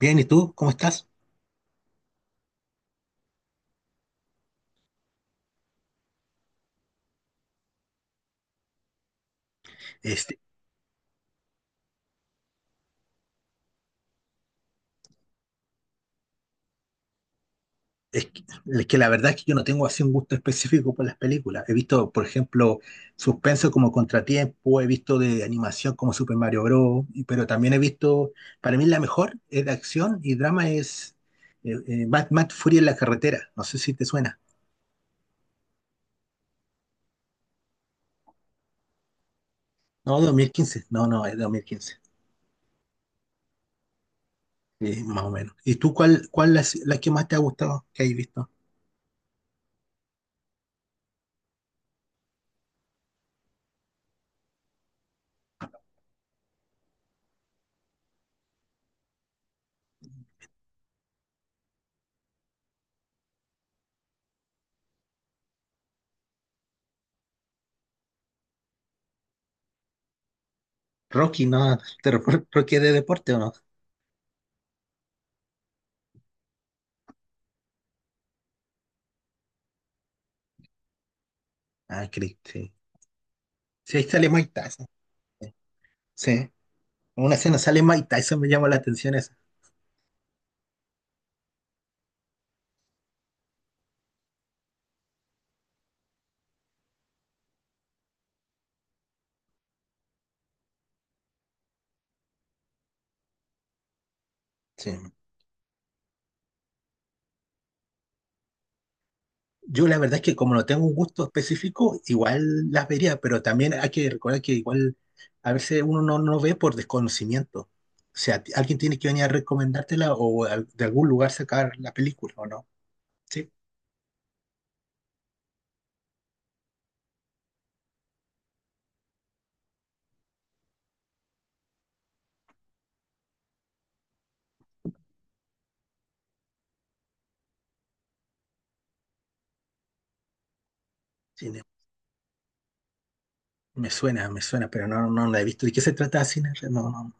Bien, ¿y tú? ¿Cómo estás? Este, es que la verdad es que yo no tengo así un gusto específico por las películas. He visto, por ejemplo, suspenso como Contratiempo. He visto de animación como Super Mario Bros., pero también he visto, para mí la mejor es de acción y drama es Mad Fury en la carretera. No sé si te suena. No, 2015. No, no, es 2015. Sí, más o menos. ¿Y tú cuál es la que más te ha gustado que hayas visto? Rocky, ¿no? ¿Rocky es de deporte o no? Ah, creí, sí. Sí, ahí sale Mike Tyson. Sí, en una escena sale Mike Tyson, me llama la atención esa. Sí. Yo la verdad es que como no tengo un gusto específico, igual las vería, pero también hay que recordar que igual a veces uno no ve por desconocimiento. O sea, alguien tiene que venir a recomendártela o de algún lugar sacar la película, ¿o no? Sí, sí, me suena, pero no la he visto. ¿De qué se trata Cine? No, no,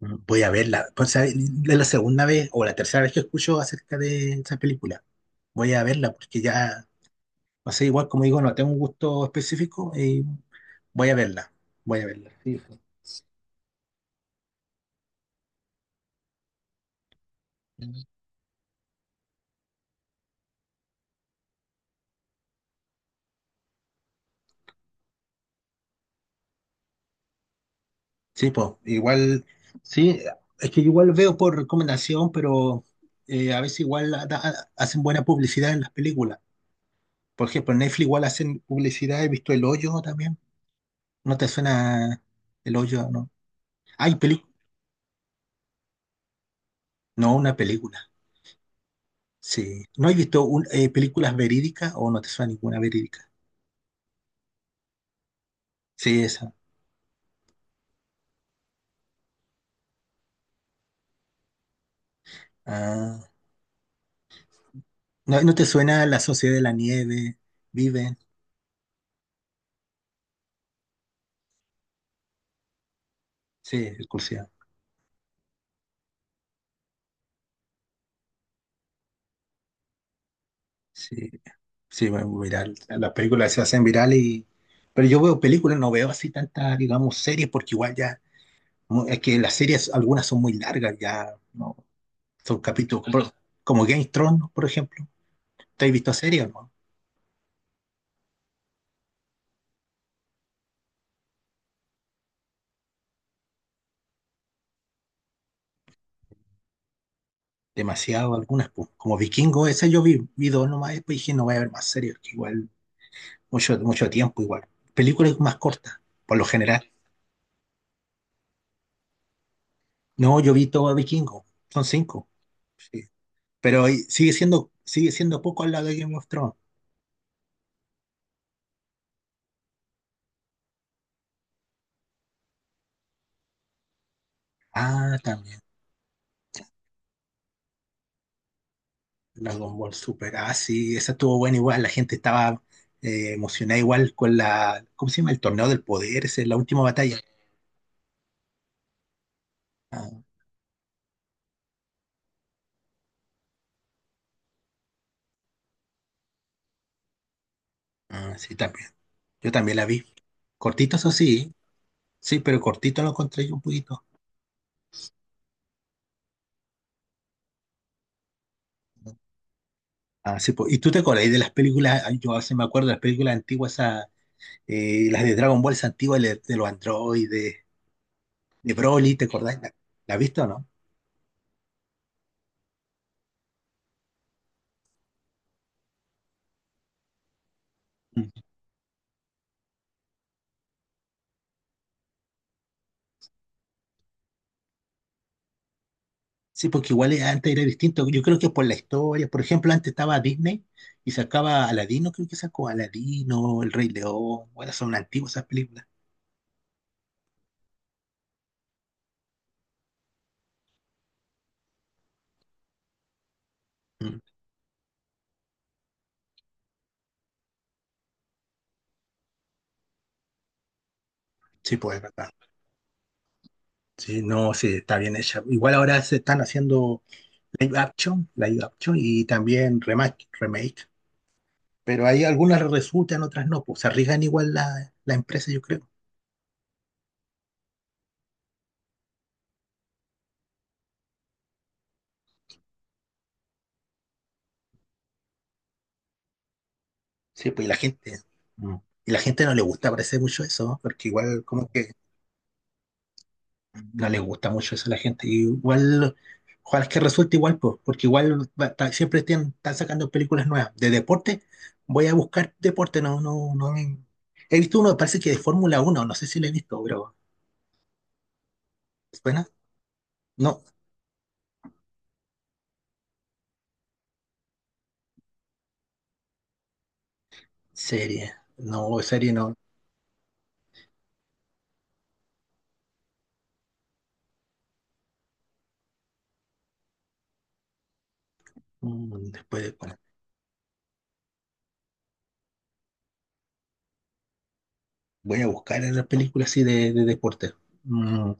no. Voy a verla. Pues, ¿sabe? Es la segunda vez o la tercera vez que escucho acerca de esa película. Voy a verla porque ya. No sé, igual como digo, no tengo un gusto específico y voy a verla. Voy a verla. Sí, sí, pues, igual, sí, es que igual veo por recomendación, pero a veces igual hacen buena publicidad en las películas. Por ejemplo, en Netflix igual hacen publicidad, he visto El Hoyo también. ¿No te suena El Hoyo? No. Hay película, no, una película. Sí. ¿No has visto películas verídicas o no te suena ninguna verídica? Sí, esa. Ah. ¿No te suena La Sociedad de la Nieve? Viven. Sí, es cursiva. Sí, sí, bueno, viral. Las películas se hacen virales y. Pero yo veo películas, no veo así tantas, digamos, series, porque igual ya. Es que las series, algunas son muy largas, ya, ¿no? Son capítulos, como Game of Thrones, por ejemplo. ¿Te has visto series, no? Demasiado algunas, pues. Como Vikingo, esa yo vi, dos nomás, después dije, no voy a ver más series, que igual, mucho, mucho tiempo igual. Películas más cortas, por lo general. No, yo vi todo Vikingo, son cinco. Sí, pero ahí sigue siendo poco al lado de Game of Thrones. Ah, también. Dragon Ball Super. Ah, sí, esa estuvo buena igual. La gente estaba emocionada igual con la, ¿cómo se llama? El torneo del poder, esa es la última batalla. Ah, ah, sí, también. Yo también la vi. Cortito, eso sí. Sí, pero cortito lo encontré yo un poquito. Ah, sí, ¿Y tú te acordás de las películas? Ah, yo hace me acuerdo de las películas antiguas, esa, las de Dragon Ball esas antiguas, de los androides, de Broly, ¿te acordás? ¿La has visto o no? Sí, porque igual antes era distinto. Yo creo que por la historia, por ejemplo, antes estaba Disney y sacaba Aladino, creo que sacó Aladino, El Rey León. Bueno, son antiguas esas películas. Mm. Sí, pues es verdad. Sí, no, sí, está bien hecha. Igual ahora se están haciendo live action y también remake, remake. Pero hay algunas resultan, otras no. Pues se arriesgan igual la empresa, yo creo. Sí, pues y la gente. mm, Y la gente no le gusta parece mucho eso, ¿no? Porque igual como que no le gusta mucho eso a la gente. Y igual, ojalá es que resulte igual, pues, porque igual siempre están sacando películas nuevas. De deporte, voy a buscar deporte, no, no, no. He visto uno, parece que de Fórmula 1 no sé si lo he visto, pero ¿suena? No, serie, no, serie no. Después, bueno, voy a buscar las películas así de deporte. Mm,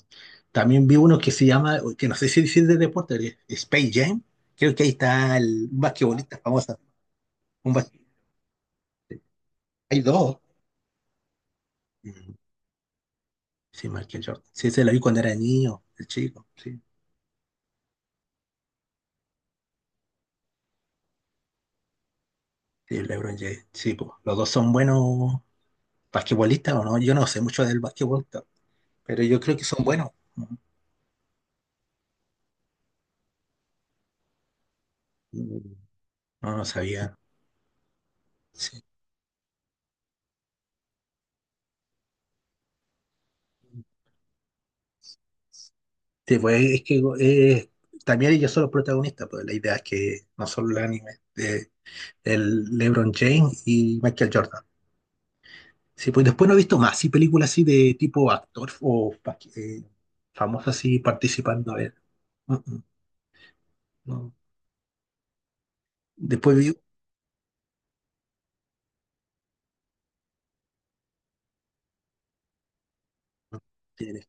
También vi uno que se llama, que no sé si es de deporte, Space Jam. Creo que ahí está el un basquetbolista famoso. Un bas-. Hay dos. Mm, sí, Michael Jordan. Sí, se lo vi cuando era niño, el chico. Sí, sí, LeBron James. Sí, pues, los dos son buenos basquetbolistas o no. Yo no sé mucho del basquetbol, pero yo creo que son buenos. Ujú. No, no sabía. Sí, sí, pues es que también ellos son los protagonistas, pues la idea es que no solo el anime, de, el LeBron James y Michael Jordan. Sí, pues después no he visto más, sí, películas así de tipo actor o eh, famosos así participando. A ver. Mm, mm, no. Después vi, Tienes-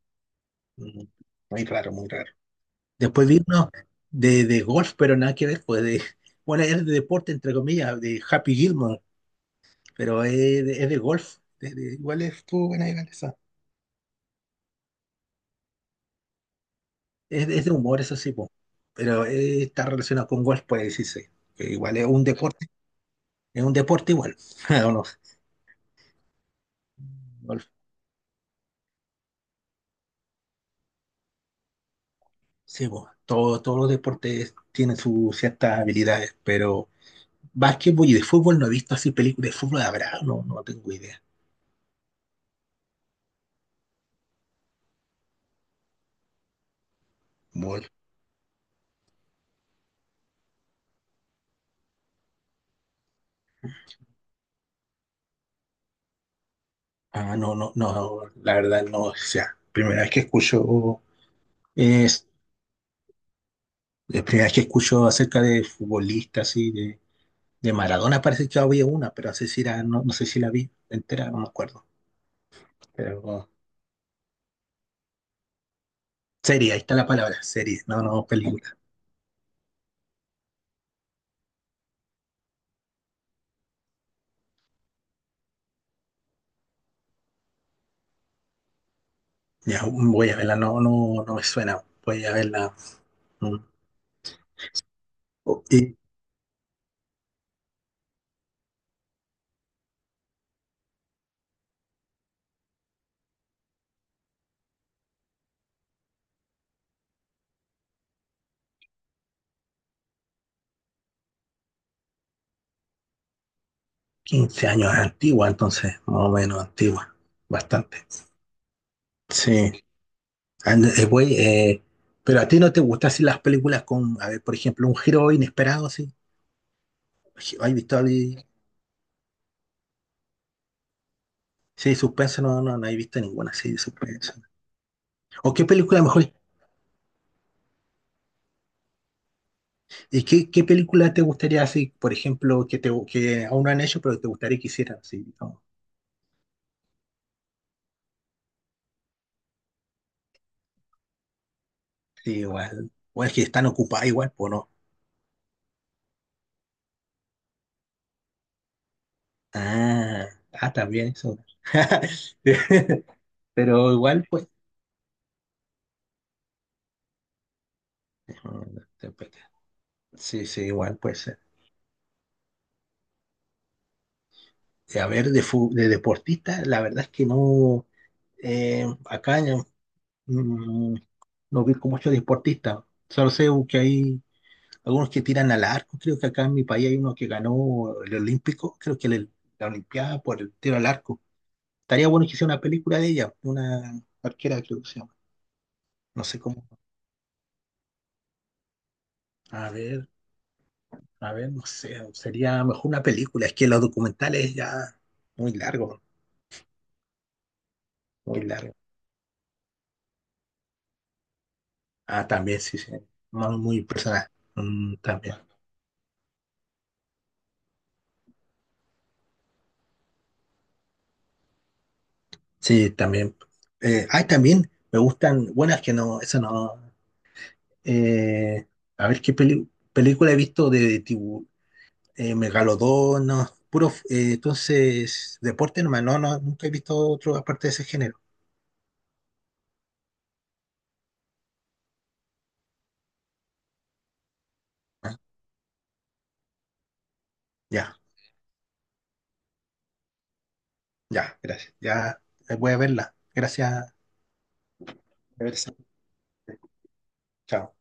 mm, muy raro, muy raro. Después vi de golf, pero nada que ver, pues de, bueno, es de deporte, entre comillas, de Happy Gilmore, pero es de golf. Igual estuvo buena igual esa. Es de humor, eso sí, po. Pero está relacionado con golf, puede decirse. Que igual es un deporte igual. ¿O no? Golf. Sí, po. Todos los deportes tienen sus ciertas habilidades, pero básquetbol y de fútbol no he visto así películas de fútbol, habrá, no, no tengo idea. Ah, no, no, no, la verdad no, o sea, primera vez que escucho, es, la primera vez que escucho acerca de futbolistas y de, Maradona parece que había una, pero no sé si era, no, no sé si la vi entera, no me acuerdo. Pero serie, ahí está la palabra, serie, no, no, película. Ya voy a verla, no, no, no me suena, voy a verla. mm, Y 15 años antigua, entonces, más o menos antigua, bastante. Sí. Güey, pero a ti no te gustan así las películas con, a ver, por ejemplo, un giro inesperado, sí. ¿Has visto ahí-? Sí, suspenso, no, no, no he visto ninguna así de suspenso. ¿O qué película mejor? ¿Y qué película te gustaría así, por ejemplo, que te que aún no han hecho, pero te gustaría que hicieran así? ¿No? Sí, igual. O es que están ocupadas igual, pues no. Ah, ah, también eso. Pero igual, pues. Sí, sí, igual, pues. A ver, de deportistas, la verdad es que no, acá, mm, no vi mucho deportistas, solo sé que hay algunos que tiran al arco, creo que acá en mi país hay uno que ganó el Olímpico, creo que la Olimpiada por el tiro al arco. Estaría bueno que hiciera una película de ella, de una arquera creo que se llama, no sé cómo. A ver, a ver, no sé, sería mejor una película, es que los documentales ya muy largo, muy largo. Ah, también, sí, sí, muy muy personal. Mm, también. Sí, también. Ay, también me gustan, bueno, es que no, eso no. eh, a ver qué película he visto de, Megalodón, no, puro, entonces, deporte nomás, no, no, nunca he visto otro aparte de ese género. Ah, ya, ya, gracias. Ya voy a verla. Gracias. Gracias. Chao.